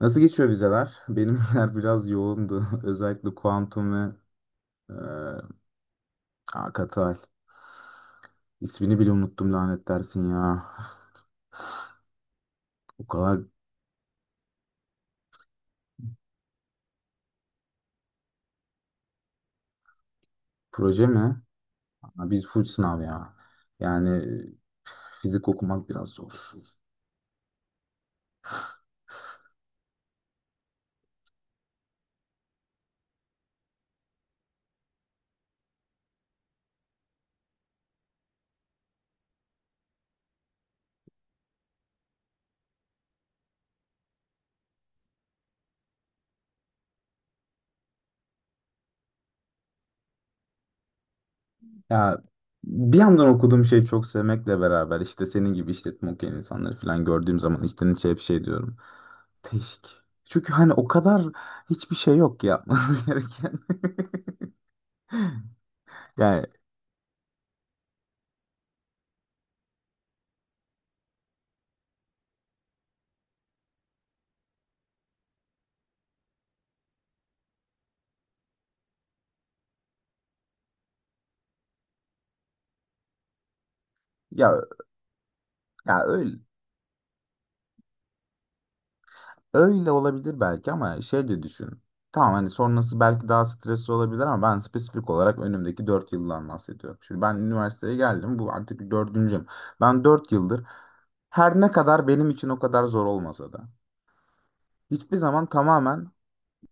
Nasıl geçiyor vizeler? Benimler biraz yoğundu. Özellikle kuantum ve e, Akatal. İsmini bile unuttum lanet dersin ya. O kadar proje mi? Ama biz full sınav ya. Yani fizik okumak biraz zor. Ya, bir yandan okuduğum şeyi çok sevmekle beraber işte senin gibi işletme okuyan insanları falan gördüğüm zaman içten içe hep şey diyorum. Teşk. Çünkü hani o kadar hiçbir şey yok ki yapması gereken. Yani, ya, ya öyle. Öyle olabilir belki ama şey de düşün. Tamam, hani sonrası belki daha stresli olabilir ama ben spesifik olarak önümdeki 4 yıldan bahsediyorum. Şimdi ben üniversiteye geldim, bu artık dördüncüm. Ben 4 yıldır her ne kadar benim için o kadar zor olmasa da hiçbir zaman tamamen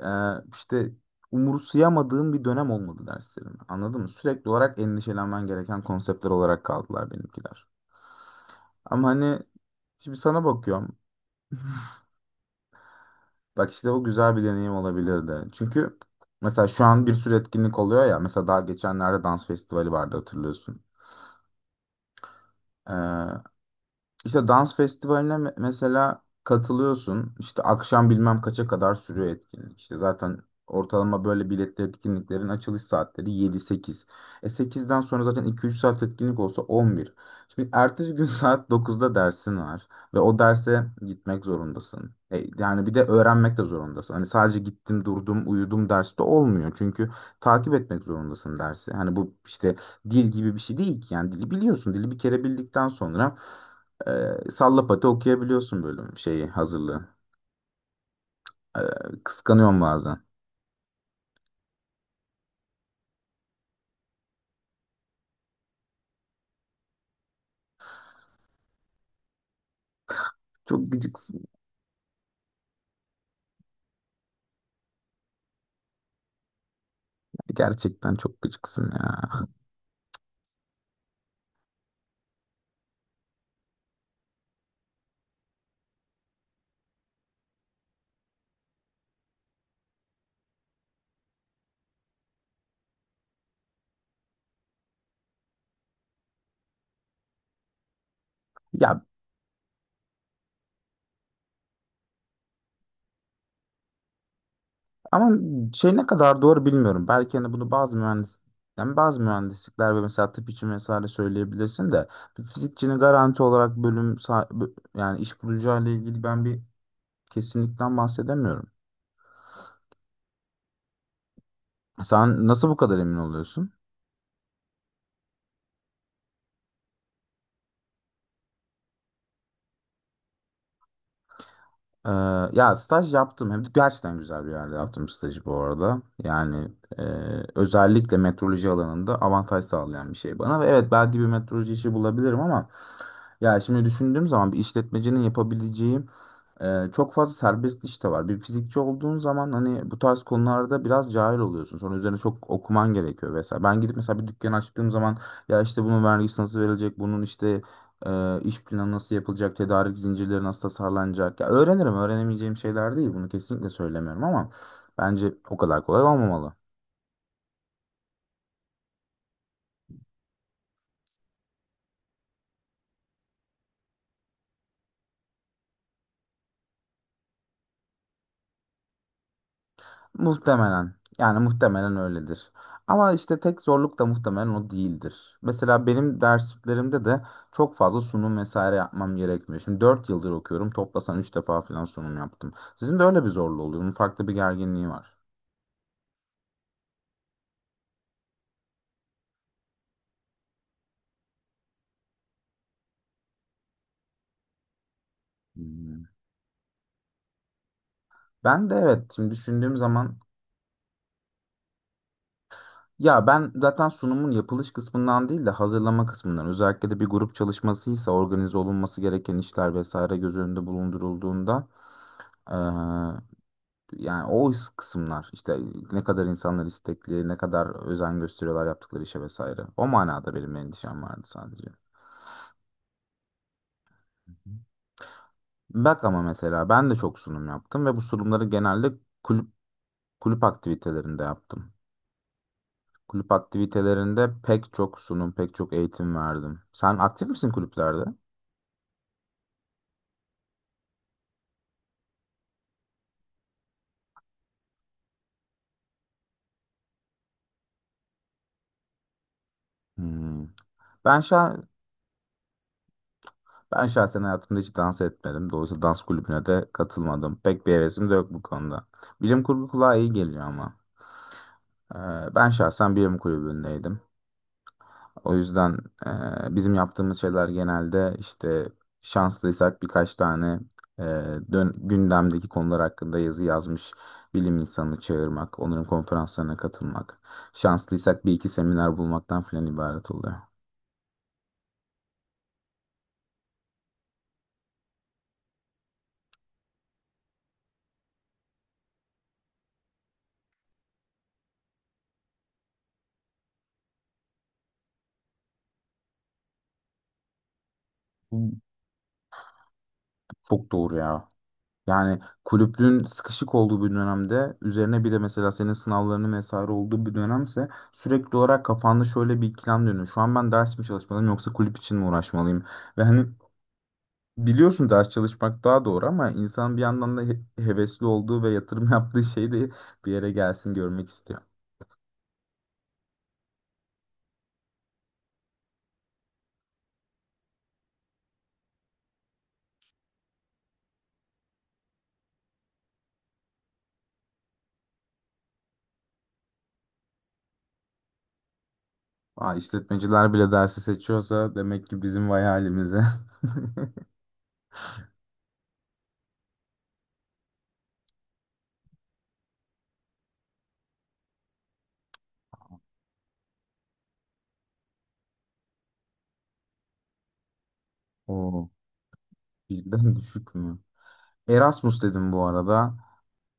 e, işte umursayamadığım bir dönem olmadı derslerim. Anladın mı? Sürekli olarak endişelenmen gereken konseptler olarak kaldılar benimkiler. Ama hani şimdi sana bakıyorum. Bak işte o güzel bir deneyim olabilirdi. Çünkü mesela şu an bir sürü etkinlik oluyor ya. Mesela daha geçenlerde dans festivali vardı, hatırlıyorsun. İşte dans festivaline mesela katılıyorsun. İşte akşam bilmem kaça kadar sürüyor etkinlik. İşte zaten ortalama böyle biletli etkinliklerin açılış saatleri yedi sekiz. E sekizden sonra zaten iki üç saat etkinlik olsa 11. Şimdi ertesi gün saat dokuzda dersin var ve o derse gitmek zorundasın. Yani bir de öğrenmek de zorundasın. Hani sadece gittim, durdum, uyudum derste olmuyor. Çünkü takip etmek zorundasın dersi. Hani bu işte dil gibi bir şey değil ki. Yani dili biliyorsun. Dili bir kere bildikten sonra salla pati okuyabiliyorsun bölüm şeyi hazırlığı. E, Kıskanıyorum bazen. Çok gıcıksın. Gerçekten çok gıcıksın ya. Ya ama şey ne kadar doğru bilmiyorum. Belki hani bunu bazı mühendis, yani bazı mühendislikler ve mesela tıp için vesaire söyleyebilirsin de bir fizikçinin garanti olarak bölüm yani iş bulacağı ile ilgili ben bir kesinlikten bahsedemiyorum. Sen nasıl bu kadar emin oluyorsun? Ee, Ya staj yaptım. Hem de gerçekten güzel bir yerde yaptım stajı bu arada. Yani e, özellikle metroloji alanında avantaj sağlayan bir şey bana. Ve evet, belki bir metroloji işi bulabilirim ama ya şimdi düşündüğüm zaman bir işletmecinin yapabileceği çok fazla serbest iş de var. Bir fizikçi olduğun zaman hani bu tarz konularda biraz cahil oluyorsun. Sonra üzerine çok okuman gerekiyor vesaire. Ben gidip mesela bir dükkan açtığım zaman ya, işte bunun vergisi nasıl verilecek, bunun işte iş planı nasıl yapılacak, tedarik zincirleri nasıl tasarlanacak. Ya öğrenirim, öğrenemeyeceğim şeyler değil. Bunu kesinlikle söylemiyorum ama bence o kadar kolay olmamalı. Muhtemelen. Yani muhtemelen öyledir. Ama işte tek zorluk da muhtemelen o değildir. Mesela benim dersliklerimde de çok fazla sunum vesaire yapmam gerekmiyor. Şimdi 4 yıldır okuyorum. Toplasan 3 defa falan sunum yaptım. Sizin de öyle bir zorluğu oluyor. Bunun farklı bir gerginliği var. Hmm. Ben de evet, şimdi düşündüğüm zaman ya ben zaten sunumun yapılış kısmından değil de hazırlama kısmından, özellikle de bir grup çalışmasıysa organize olunması gereken işler vesaire göz önünde bulundurulduğunda... Yani o kısımlar işte, ne kadar insanlar istekli, ne kadar özen gösteriyorlar yaptıkları işe vesaire. O manada benim endişem vardı sadece. Bak ama mesela ben de çok sunum yaptım ve bu sunumları genelde kulüp kulüp aktivitelerinde yaptım. Kulüp aktivitelerinde pek çok sunum, pek çok eğitim verdim. Sen aktif misin kulüplerde? Hmm. Ben şah ben şahsen hayatımda hiç dans etmedim. Dolayısıyla dans kulübüne de katılmadım. Pek bir hevesim de yok bu konuda. Bilim kurgu kulağa iyi geliyor ama. Ee, Ben şahsen BM kulübündeydim. O yüzden bizim yaptığımız şeyler genelde işte, şanslıysak birkaç tane e, gündemdeki konular hakkında yazı yazmış bilim insanını çağırmak, onların konferanslarına katılmak. Şanslıysak bir iki seminer bulmaktan filan ibaret oluyor. Hmm. Çok doğru ya. Yani kulüplüğün sıkışık olduğu bir dönemde üzerine bir de mesela senin sınavlarının vesaire olduğu bir dönemse sürekli olarak kafanda şöyle bir ikilem dönüyor. Şu an ben ders mi çalışmalıyım yoksa kulüp için mi uğraşmalıyım? Ve hani biliyorsun ders çalışmak daha doğru ama insan bir yandan da hevesli olduğu ve yatırım yaptığı şeyi de bir yere gelsin, görmek istiyor. Aa, işletmeciler bile dersi seçiyorsa demek ki bizim vay halimize. Oo, birden düşük mü? Erasmus dedim bu arada.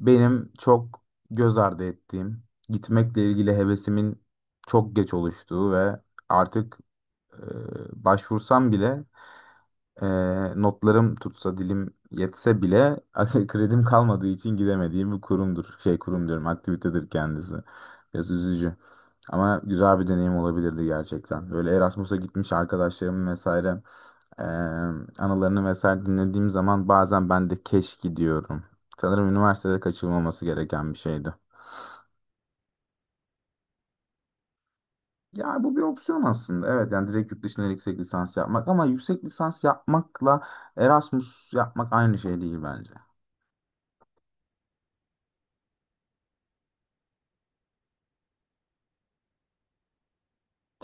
Benim çok göz ardı ettiğim, gitmekle ilgili hevesimin çok geç oluştuğu ve artık başvursam bile, e, notlarım tutsa dilim yetse bile kredim kalmadığı için gidemediğim bir kurumdur. Şey kurum diyorum, aktivitedir kendisi. Biraz üzücü. Ama güzel bir deneyim olabilirdi gerçekten. Böyle Erasmus'a gitmiş arkadaşlarım vesaire e, anılarını vesaire dinlediğim zaman bazen ben de keşke diyorum. Sanırım üniversitede kaçırılmaması gereken bir şeydi. Ya, bu bir opsiyon aslında. Evet, yani direkt yurt dışında yüksek lisans yapmak ama yüksek lisans yapmakla Erasmus yapmak aynı şey değil bence.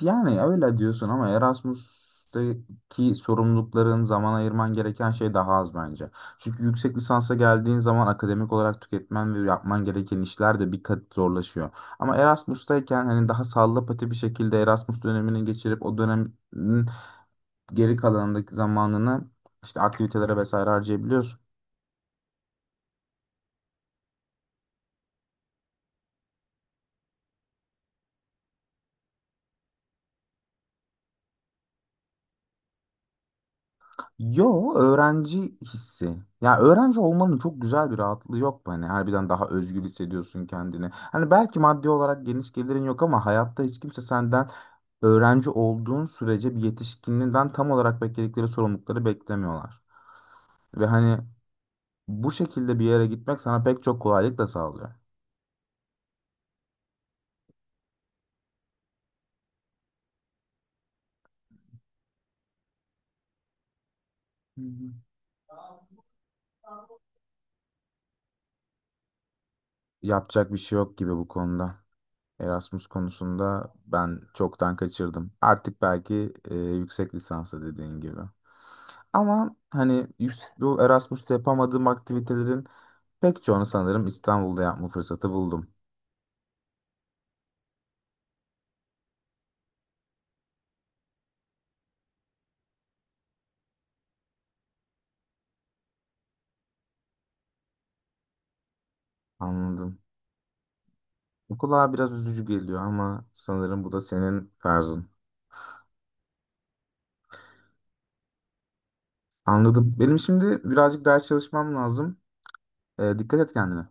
Yani öyle diyorsun ama Erasmus'taki sorumlulukların, zaman ayırman gereken şey daha az bence. Çünkü yüksek lisansa geldiğin zaman akademik olarak tüketmen ve yapman gereken işler de bir kat zorlaşıyor. Ama Erasmus'tayken hani daha sallapati bir şekilde Erasmus dönemini geçirip o dönem geri kalanındaki zamanını işte aktivitelere vesaire harcayabiliyorsun. Yo, öğrenci hissi. Ya öğrenci olmanın çok güzel bir rahatlığı yok mu? Hani harbiden daha özgür hissediyorsun kendini. Hani belki maddi olarak geniş gelirin yok ama hayatta hiç kimse senden, öğrenci olduğun sürece, bir yetişkinliğinden tam olarak bekledikleri sorumlulukları beklemiyorlar. Ve hani bu şekilde bir yere gitmek sana pek çok kolaylık da sağlıyor. Hı hı. Yapacak bir şey yok gibi bu konuda. Erasmus konusunda ben çoktan kaçırdım. Artık belki yüksek lisansa, dediğin gibi. Ama hani bu Erasmus'ta yapamadığım aktivitelerin pek çoğunu sanırım İstanbul'da yapma fırsatı buldum. Anladım. Bu kulağa biraz üzücü geliyor ama sanırım bu da senin tarzın. Anladım. Benim şimdi birazcık ders çalışmam lazım. Dikkat et kendine.